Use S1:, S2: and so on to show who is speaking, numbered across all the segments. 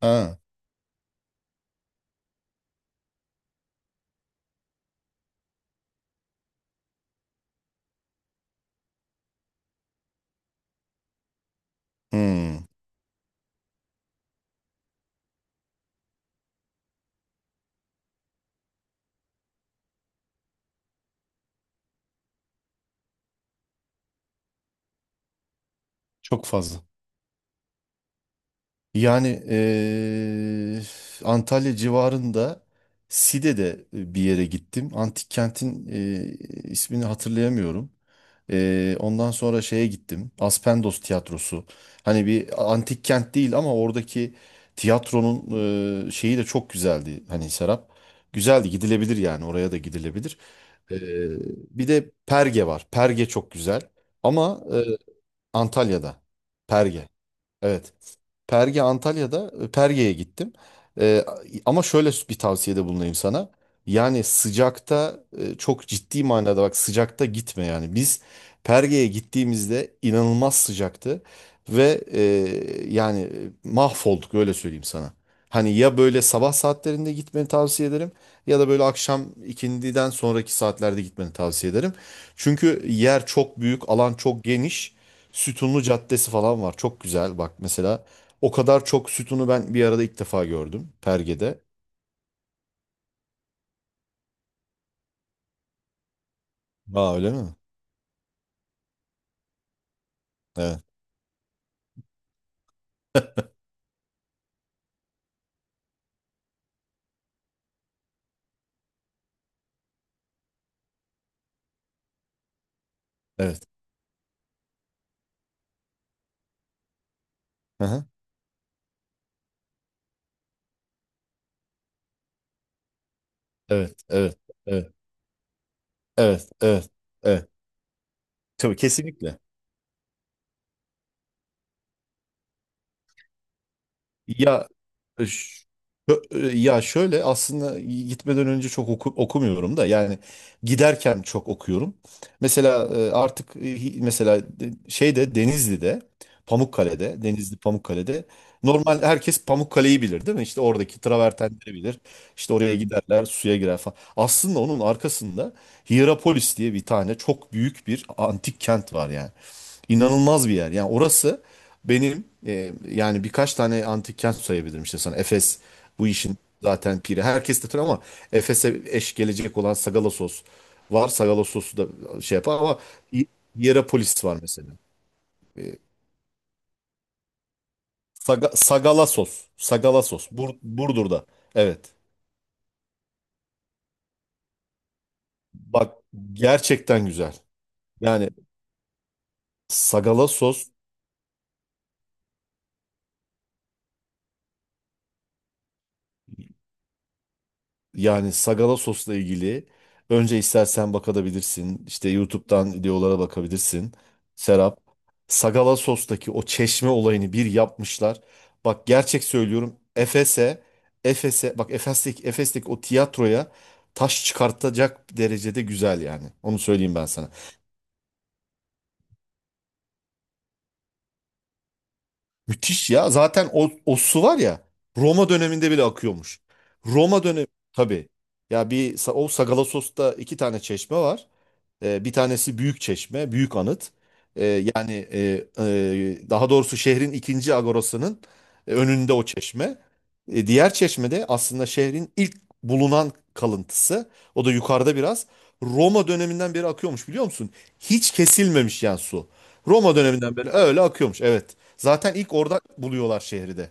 S1: Ha, hmm, çok fazla. Yani Antalya civarında Side'de bir yere gittim. Antik kentin ismini hatırlayamıyorum. Ondan sonra şeye gittim. Aspendos Tiyatrosu. Hani bir antik kent değil ama oradaki tiyatronun şeyi de çok güzeldi. Hani Serap. Güzeldi, gidilebilir yani. Oraya da gidilebilir. Eee, Bir de Perge var. Perge çok güzel. Ama Antalya'da. Perge. Evet. Perge Antalya'da, Perge'ye gittim. E, Ama şöyle bir tavsiyede bulunayım sana. Yani sıcakta, çok ciddi manada bak, sıcakta gitme yani. Biz Perge'ye gittiğimizde inanılmaz sıcaktı ve yani, mahvolduk, öyle söyleyeyim sana. Hani ya böyle sabah saatlerinde gitmeni tavsiye ederim, ya da böyle akşam ikindiden sonraki saatlerde gitmeni tavsiye ederim. Çünkü yer çok büyük, alan çok geniş. Sütunlu Caddesi falan var. Çok güzel bak mesela. O kadar çok sütunu ben bir arada ilk defa gördüm Perge'de. Aa, öyle mi? Evet. Evet. Hı hı. Evet. Evet. Evet. Evet. Evet. Evet. Tabii, kesinlikle. Ya, E, ş- Ya şöyle, aslında gitmeden önce çok okumuyorum da, yani giderken çok okuyorum. Mesela artık, mesela şeyde Denizli'de. Pamukkale'de normal herkes Pamukkale'yi bilir değil mi? İşte oradaki travertenleri bilir. İşte oraya giderler, suya girer falan. Aslında onun arkasında Hierapolis diye bir tane çok büyük bir antik kent var yani, inanılmaz bir yer. Yani orası benim, yani birkaç tane antik kent sayabilirim işte sana. Efes bu işin zaten piri. Herkes de tabii, ama Efes'e eş gelecek olan Sagalassos var. Sagalassos'u da şey yapar ama İ- Hierapolis var mesela. E, Sagalassos. Sagalassos. Burdur'da. Evet. Bak, gerçekten güzel. Yani Sagalassos Yani Sagala sosla ilgili önce istersen bakabilirsin. İşte YouTube'dan videolara bakabilirsin. Serap. Sagala sostaki o çeşme olayını bir yapmışlar. Bak, gerçek söylüyorum. Efes'e, Efes'e, bak, Efes'teki o tiyatroya taş çıkartacak derecede güzel yani. Onu söyleyeyim ben sana. Müthiş ya. Zaten o su var ya, Roma döneminde bile akıyormuş. Roma dönemi tabii. Ya o Sagala sosta iki tane çeşme var. Bir tanesi Büyükçeşme, Büyük Anıt. E, Yani, daha doğrusu şehrin ikinci agorasının önünde o çeşme. Diğer çeşme de aslında şehrin ilk bulunan kalıntısı. O da yukarıda biraz. Roma döneminden beri akıyormuş, biliyor musun? Hiç kesilmemiş yani su. Roma döneminden beri öyle akıyormuş, evet. Zaten ilk orada buluyorlar şehri de.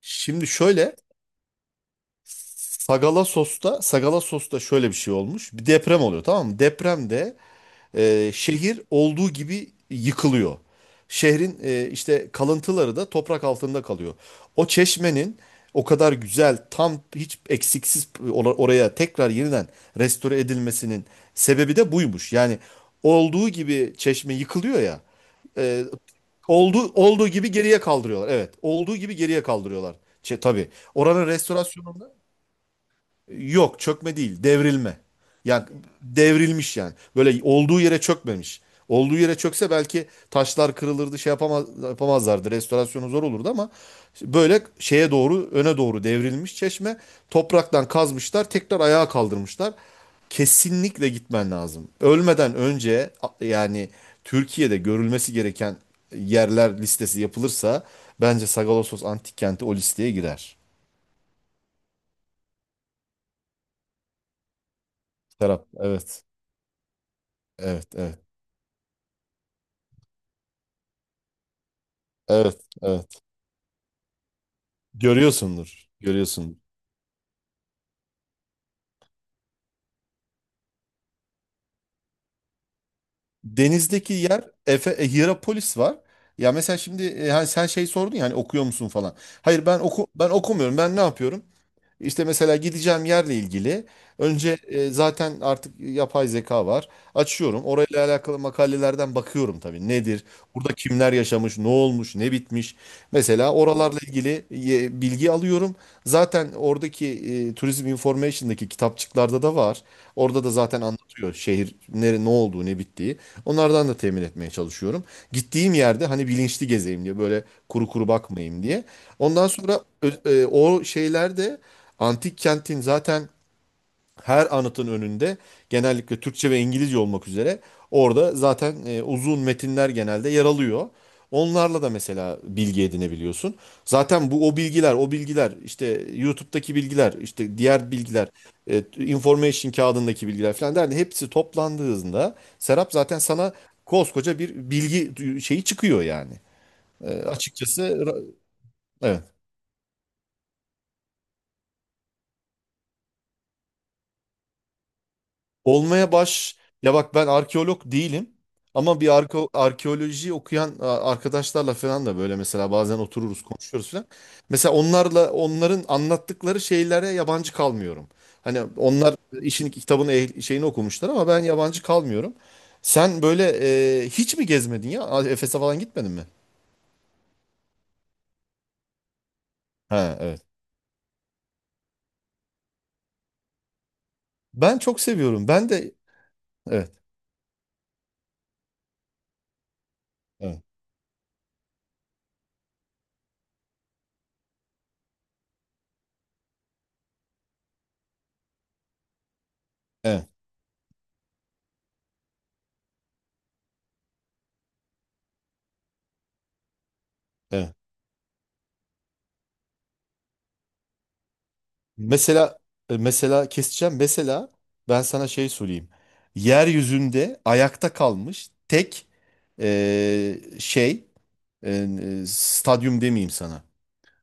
S1: Şimdi şöyle, Sagala Sos'ta şöyle bir şey olmuş. Bir deprem oluyor, tamam mı? Depremde şehir olduğu gibi yıkılıyor. Şehrin işte kalıntıları da toprak altında kalıyor. O çeşmenin o kadar güzel, tam hiç eksiksiz oraya tekrar yeniden restore edilmesinin sebebi de buymuş. Yani olduğu gibi çeşme yıkılıyor ya. E, olduğu gibi geriye kaldırıyorlar. Evet, olduğu gibi geriye kaldırıyorlar. Şey, tabii. Oranın restorasyonunda... Yok, çökme değil, devrilme. Yani devrilmiş yani. Böyle olduğu yere çökmemiş. Olduğu yere çökse belki taşlar kırılırdı, şey yapamaz, yapamazlardı. Restorasyonu zor olurdu ama böyle şeye doğru, öne doğru devrilmiş çeşme. Topraktan kazmışlar, tekrar ayağa kaldırmışlar. Kesinlikle gitmen lazım. Ölmeden önce, yani Türkiye'de görülmesi gereken yerler listesi yapılırsa bence Sagalassos Antik Kenti o listeye girer. Serap, evet, evet, evet. Evet, evet. Görüyorsundur, görüyorsundur. Denizdeki yer, Hierapolis var. Ya mesela şimdi, hani sen şey sordun ya, hani okuyor musun falan. Hayır, ben okumuyorum. Ben ne yapıyorum? İşte mesela gideceğim yerle ilgili önce, zaten artık yapay zeka var. Açıyorum. Orayla alakalı makalelerden bakıyorum tabii. Nedir? Burada kimler yaşamış? Ne olmuş? Ne bitmiş? Mesela oralarla ilgili bilgi alıyorum. Zaten oradaki Tourism Information'daki kitapçıklarda da var. Orada da zaten anlatıyor, şehir nere, ne olduğu, ne bittiği. Onlardan da temin etmeye çalışıyorum. Gittiğim yerde hani bilinçli gezeyim diye, böyle kuru kuru bakmayayım diye. Ondan sonra o şeylerde, antik kentin zaten her anıtın önünde genellikle Türkçe ve İngilizce olmak üzere orada zaten uzun metinler genelde yer alıyor. Onlarla da mesela bilgi edinebiliyorsun. Zaten bu o bilgiler, o bilgiler, işte YouTube'daki bilgiler, işte diğer bilgiler, information kağıdındaki bilgiler falan derdi. Hepsi toplandığında Serap, zaten sana koskoca bir bilgi şeyi çıkıyor yani. Açıkçası evet. Olmaya baş... Ya bak, ben arkeolog değilim. Ama bir arkeoloji okuyan, arkadaşlarla falan da böyle mesela bazen otururuz, konuşuyoruz falan. Mesela onlarla, onların anlattıkları şeylere yabancı kalmıyorum. Hani onlar işin kitabını şeyini okumuşlar ama ben yabancı kalmıyorum. Sen böyle, hiç mi gezmedin ya? Efes'e falan gitmedin mi? Ha, evet. Ben çok seviyorum. Ben de, evet, evet, evet, evet. Mesela mesela keseceğim. Mesela ben sana şey söyleyeyim. Yeryüzünde ayakta kalmış tek, şey, e, stadyum demeyeyim sana.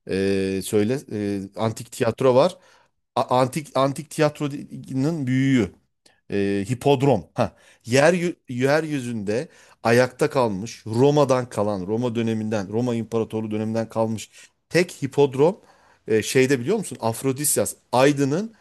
S1: Söyle, antik tiyatro var. Antik tiyatronun büyüğü. Hipodrom. Ha. Yer Yeryüzünde ayakta kalmış, Roma İmparatorluğu döneminden kalmış tek hipodrom, şeyde, biliyor musun? Afrodisias, Aydın'ın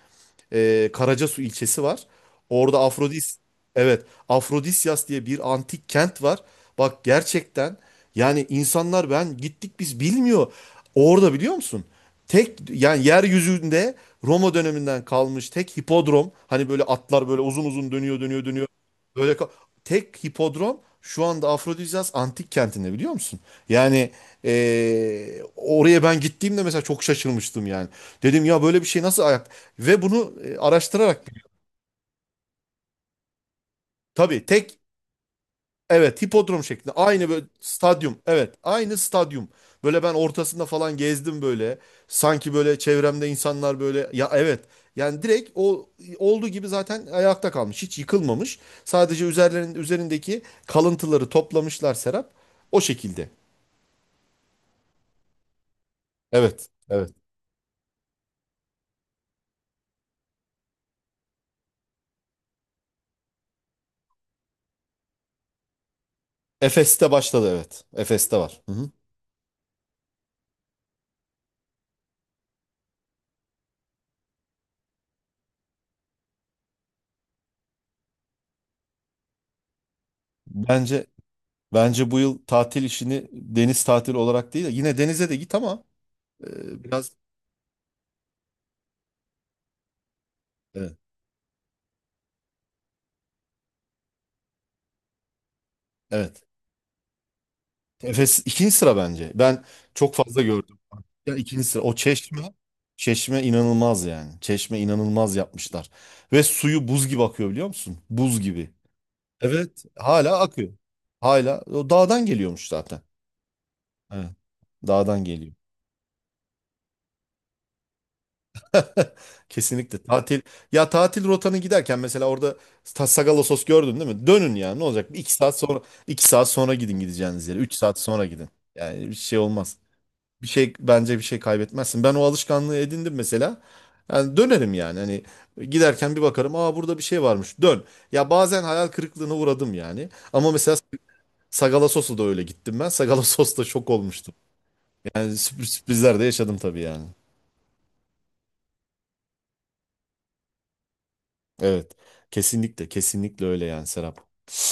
S1: Karacasu ilçesi var. Orada evet, Afrodisyas diye bir antik kent var. Bak, gerçekten yani, insanlar, ben gittik, biz bilmiyor. Orada, biliyor musun? Tek, yani yeryüzünde Roma döneminden kalmış tek hipodrom. Hani böyle atlar böyle uzun uzun dönüyor, dönüyor, dönüyor. Böyle ka- Tek hipodrom şu anda Afrodizyas antik kentinde, biliyor musun? Yani oraya ben gittiğimde mesela çok şaşırmıştım yani. Dedim ya, böyle bir şey nasıl ayak? Ve bunu araştırarak tabii, tek... Evet, hipodrom şeklinde. Aynı böyle stadyum. Evet, aynı stadyum. Böyle ben ortasında falan gezdim böyle. Sanki böyle çevremde insanlar, böyle ya, evet. Yani direkt o olduğu gibi zaten ayakta kalmış. Hiç yıkılmamış. Sadece üzerlerin üzerindeki kalıntıları toplamışlar Serap. O şekilde. Evet, evet. Efes'te başladı, evet. Efes'te var. Hı hı. Bence bence bu yıl tatil işini deniz tatili olarak değil de yine denize de git ama biraz, evet. Evet. Efes ikinci sıra bence. Ben çok fazla gördüm. Yani ikinci sıra. Çeşme inanılmaz yani. Çeşme inanılmaz yapmışlar. Ve suyu buz gibi akıyor, biliyor musun? Buz gibi. Evet, hala akıyor. Hala o dağdan geliyormuş zaten. Evet, dağdan geliyor. Kesinlikle tatil. Ya tatil rotanı giderken mesela orada, Sagalassos gördün değil mi? Dönün yani, ne olacak? Bir iki saat sonra iki saat sonra gidin gideceğiniz yere. Üç saat sonra gidin. Yani bir şey olmaz. Bir şey bence bir şey kaybetmezsin. Ben o alışkanlığı edindim mesela. Yani dönerim yani, hani giderken bir bakarım, aa burada bir şey varmış, dön. Ya bazen hayal kırıklığına uğradım yani. Ama mesela Sagala Sos'a da öyle gittim ben. Sagala Sos'ta şok olmuştum. Yani sürpriz, sürprizler de yaşadım tabii yani. Evet, kesinlikle, kesinlikle öyle yani Serap.